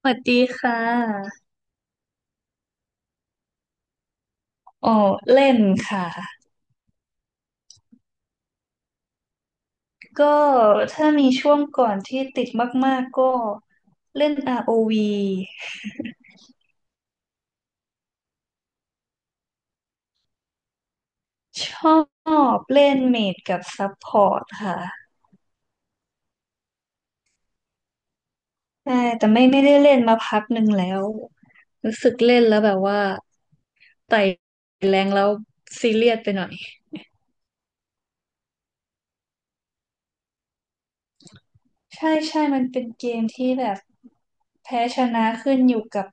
สวัสดีค่ะอ๋อเล่นค่ะ ก็ถ้ามีช่วงก่อนที่ติดมากๆก็เล่น ROV ชอบเล่นเมจกับซัพพอร์ตค่ะใช่แต่ไม่ได้เล่นมาพักหนึ่งแล้วรู้สึกเล่นแล้วแบบว่าไต่แรงแล้วซีเรียสไปหน่อย ใช่ใช่มันเป็นเกมที่แบบแพ้ชนะขึ้นอยู่กับ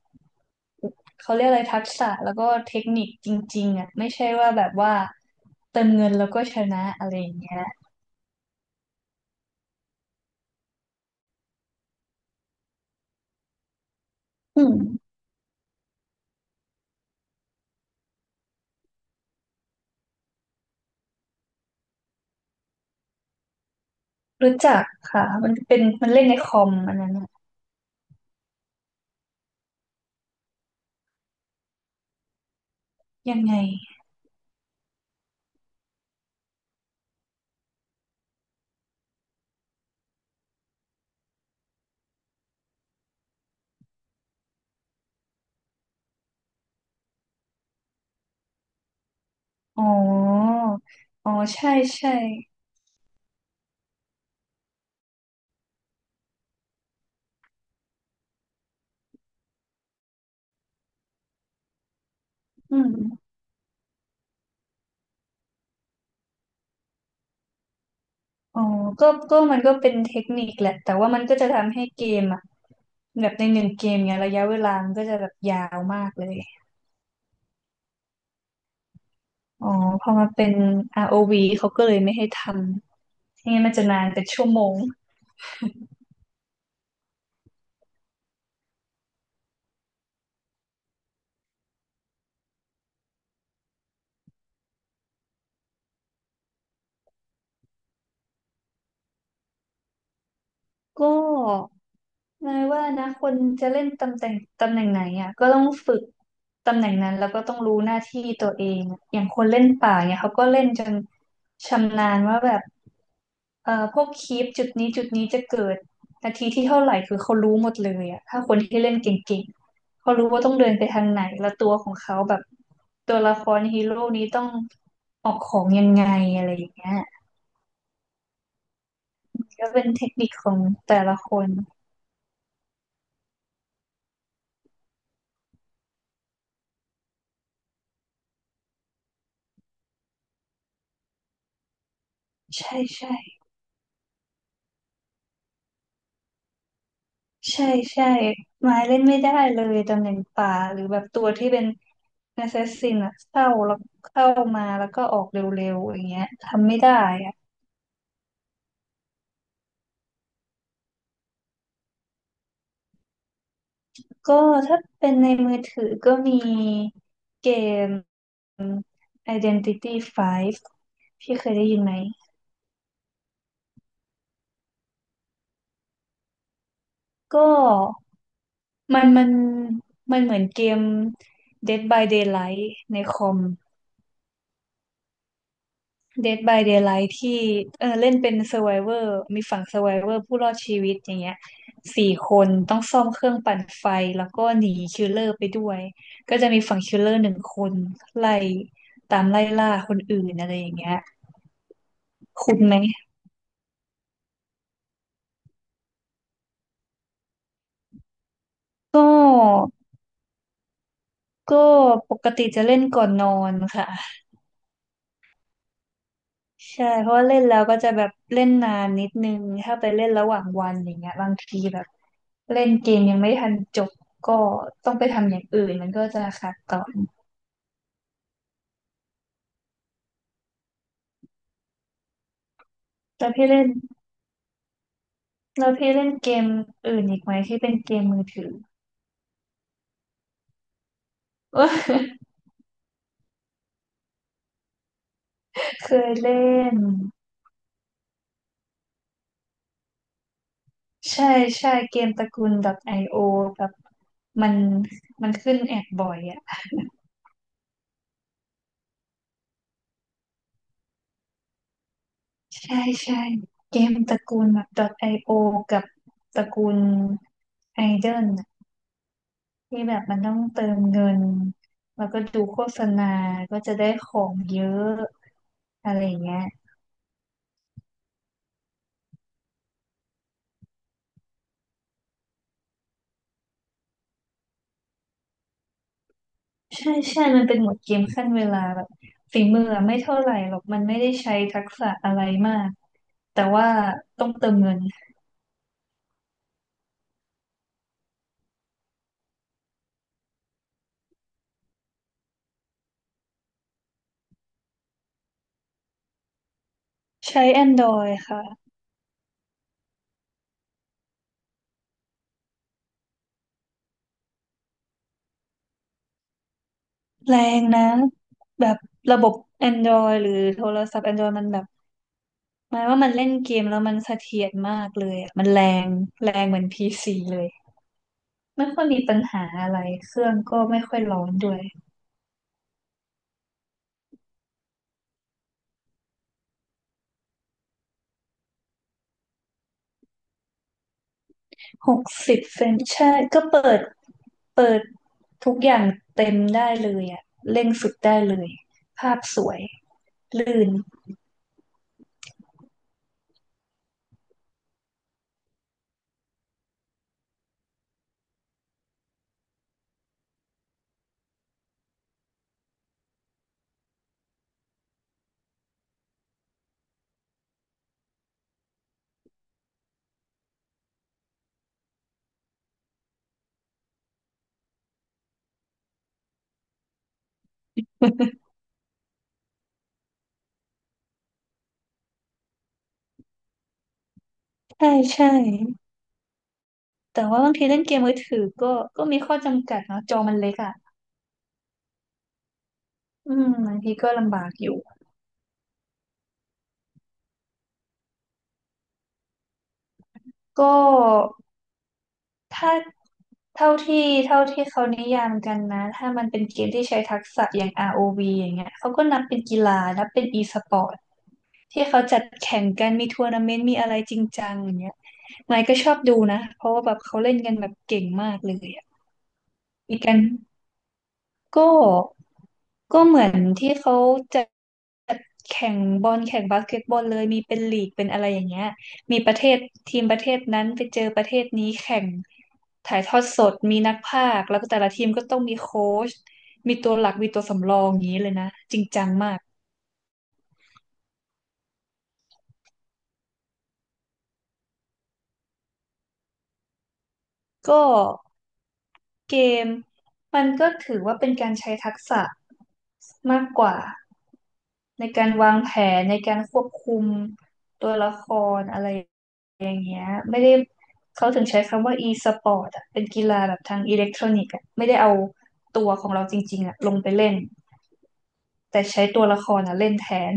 เขาเรียกอะไรทักษะแล้วก็เทคนิคจริงๆอ่ะไม่ใช่ว่าแบบว่าเติมเงินแล้วก็ชนะอะไรอย่างเงี้ยอืมรู้จักค่ะมันเล่นในคอมอันนั้นอะยังไงอ๋ออ๋อใช่ใช่อืมอ๋อก็ก็มันก็เป็นเทคนิคแหละแต่ว่ามันก็จะทำให้เกมอ่ะแบบในหนึ่งเกมเนี้ยระยะเวลามันก็จะแบบยาวมากเลยอ๋อพอมาเป็น ROV เขาก็เลยไม่ให้ทำไม่งั้นมันจะนานเป็นชั่วโมงก็ เนายว่านะคนจะเล่นตำแหน่งไหนอ่ะก็ต้องฝึกตำแหน่งนั้นแล้วก็ต้องรู้หน้าที่ตัวเองอะอย่างคนเล่นป่าเนี่ยเขาก็เล่นจนชำนาญว่าแบบพวกคีปจุดนี้จะเกิดนาทีที่เท่าไหร่คือเขารู้หมดเลยอ่ะถ้าคนที่เล่นเก่งๆเขารู้ว่าต้องเดินไปทางไหนแล้วตัวของเขาแบบตัวละครฮีโร่นี้ต้องออกของยังไงอะไรอย่างเงี้ยก็เป็นเทคนิคของแต่ละคนใช่ใช่ ใช่ใช่ไม้เล่นไม่ได้เลยตำแหน่งป่าหรือแบบตัวที่เป็นแอสซซินอะเข้าแล้วเข้ามาแล้วก็ออกเร็วๆอย่างเงี้ยทำไม่ได้อะก็ถ้าเป็นในมือถือก็มีเกม Identity 5พี่เคยได้ยินไหมก็มันมันมันเหมือนเกม Dead by Daylight ในคอม Dead by Daylight ที่เออเล่นเป็น Survivor มีฝั่ง Survivor ผู้รอดชีวิตอย่างเงี้ยสี่คนต้องซ่อมเครื่องปั่นไฟแล้วก็หนีคิลเลอร์ไปด้วยก็จะมีฝั่งคิลเลอร์หนึ่งคนไล่ตามไล่ล่าคนอื่นอะไรอย่างเงี้ยคุณไหมก็ก็ปกติจะเล่นก่อนนอนค่ะใช่เพราะว่าเล่นแล้วก็จะแบบเล่นนานนิดนึงถ้าไปเล่นระหว่างวันอย่างเงี้ยบางทีแบบเล่นเกมยังไม่ทันจบก็ต้องไปทำอย่างอื่นมันก็จะขาดต่อ แล้วพี่เล่นแล้วพี่เล่นเกมอื่นอีกไหมที่เป็นเกมมือถือ เคยเล่นใช่ใช่เกมตระกูล .io แบบมันมันขึ้นแอดบ่อยอ่ะใช่ใช่เกมตระกูลแบบ .io กับตระกูล Idol น่ะที่แบบมันต้องเติมเงินแล้วก็ดูโฆษณาก็จะได้ของเยอะอะไรอย่างเงี้ย ใช่ใช่ มันเป็นหมวดเกมขั้นเวลาแบบฝีมืออะไม่เท่าไหร่หรอก มันไม่ได้ใช้ทักษะอะไรมากแต่ว่าต้องเติมเงินใช้ Android ค่ะแรงนะแบบระบบ Android หรือโทรศัพท์ Android มันแบบหมายว่ามันเล่นเกมแล้วมันเสถียรมากเลยอะมันแรงแรงเหมือน PC เลยไม่ค่อยมีปัญหาอะไรเครื่องก็ไม่ค่อยร้อนด้วย60 เฟรมใช่ก็เปิด เปิดทุกอย่างเต็มได้เลยอ่ะเร่งสุดได้เลยภาพสวยลื่น ใช่ใช่แต่ว่าบางทีเล่นเกมมือถือก็มีข้อจำกัดเนาะจอมันเล็กอ่ะอืมบางทีก็ลำบากอยู่ก็ถ้าเท่าที่เท่าที่เขานิยามกันนะถ้ามันเป็นเกมที่ใช้ทักษะอย่าง ROV อวีอย่างเงี้ยเขาก็นับเป็นกีฬานับเป็น e-sport ที่เขาจัดแข่งกันมีทัวร์นาเมนต์มีอะไรจริงจังอย่างเงี้ยไมค์ก็ชอบดูนะเพราะว่าแบบเขาเล่นกันแบบเก่งมากเลยอะมีกันก็ก็เหมือนที่เขาจัดแข่งบอลแข่งบาสเกตบอลเลยมีเป็นลีกเป็นอะไรอย่างเงี้ยมีประเทศทีมประเทศนั้นไปเจอประเทศนี้แข่งถ่ายทอดสดมีนักพากย์แล้วก็แต่ละทีมก็ต้องมีโค้ชมีตัวหลักมีตัวสำรองอย่างนี้เลยนะจริงจังมากก็ เกมมันก็ถือว่าเป็นการใช้ทักษะมากกว่าในการวางแผนในการควบคุมตัวละครอะไรอย่างเงี้ยไม่ได้เขาถึงใช้คำว่า e-sport อ่ะเป็นกีฬาแบบทางอิเล็กทรอนิกส์อ่ะไม่ได้เอาตัวของเราจริงๆอ่ะลงไปเล่นแต่ใช้ตัวละครอ่ะเล่นแทน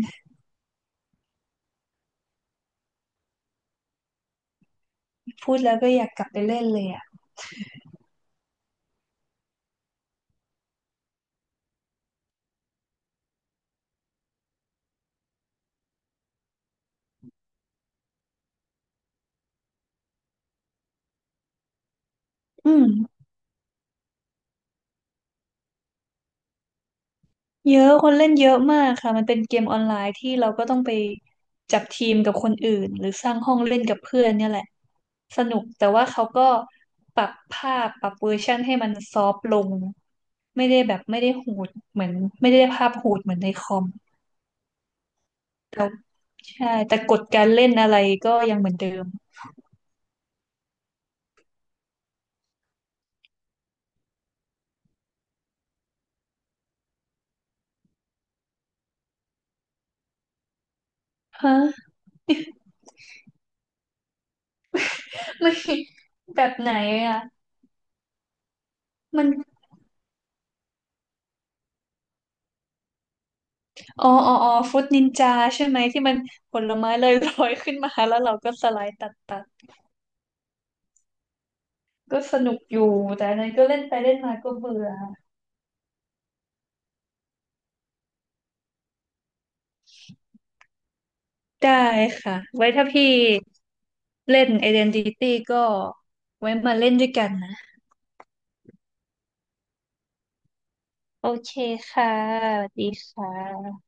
พูดแล้วก็อยากกลับไปเล่นเลยอ่ะอืมเยอะคนเล่นเยอะมากค่ะมันเป็นเกมออนไลน์ที่เราก็ต้องไปจับทีมกับคนอื่นหรือสร้างห้องเล่นกับเพื่อนเนี่ยแหละ สนุกแต่ว่าเขาก็ปรับภาพปรับเวอร์ชันให้มันซอฟต์ลงไม่ได้แบบไม่ได้โหดเหมือนไม่ได้ภาพโหดเหมือนในคอมแต่ใช่แต่กฎการเล่นอะไรก็ยังเหมือนเดิมฮะมันแบบไหนอ่ะมันอ๋อฟุตนินจาใช่ไหมที่มันผลไม้ลอยๆขึ้นมาแล้วเราก็สไลด์ตัดตัดก็สนุกอยู่แต่อันนั้นก็เล่นไปเล่นมาก็เบื่อได้ค่ะไว้ถ้าพี่ เล่น Identity ก็ไว้มาเล่นด้วยกันนะโอเคค่ะสวัสดีค่ะ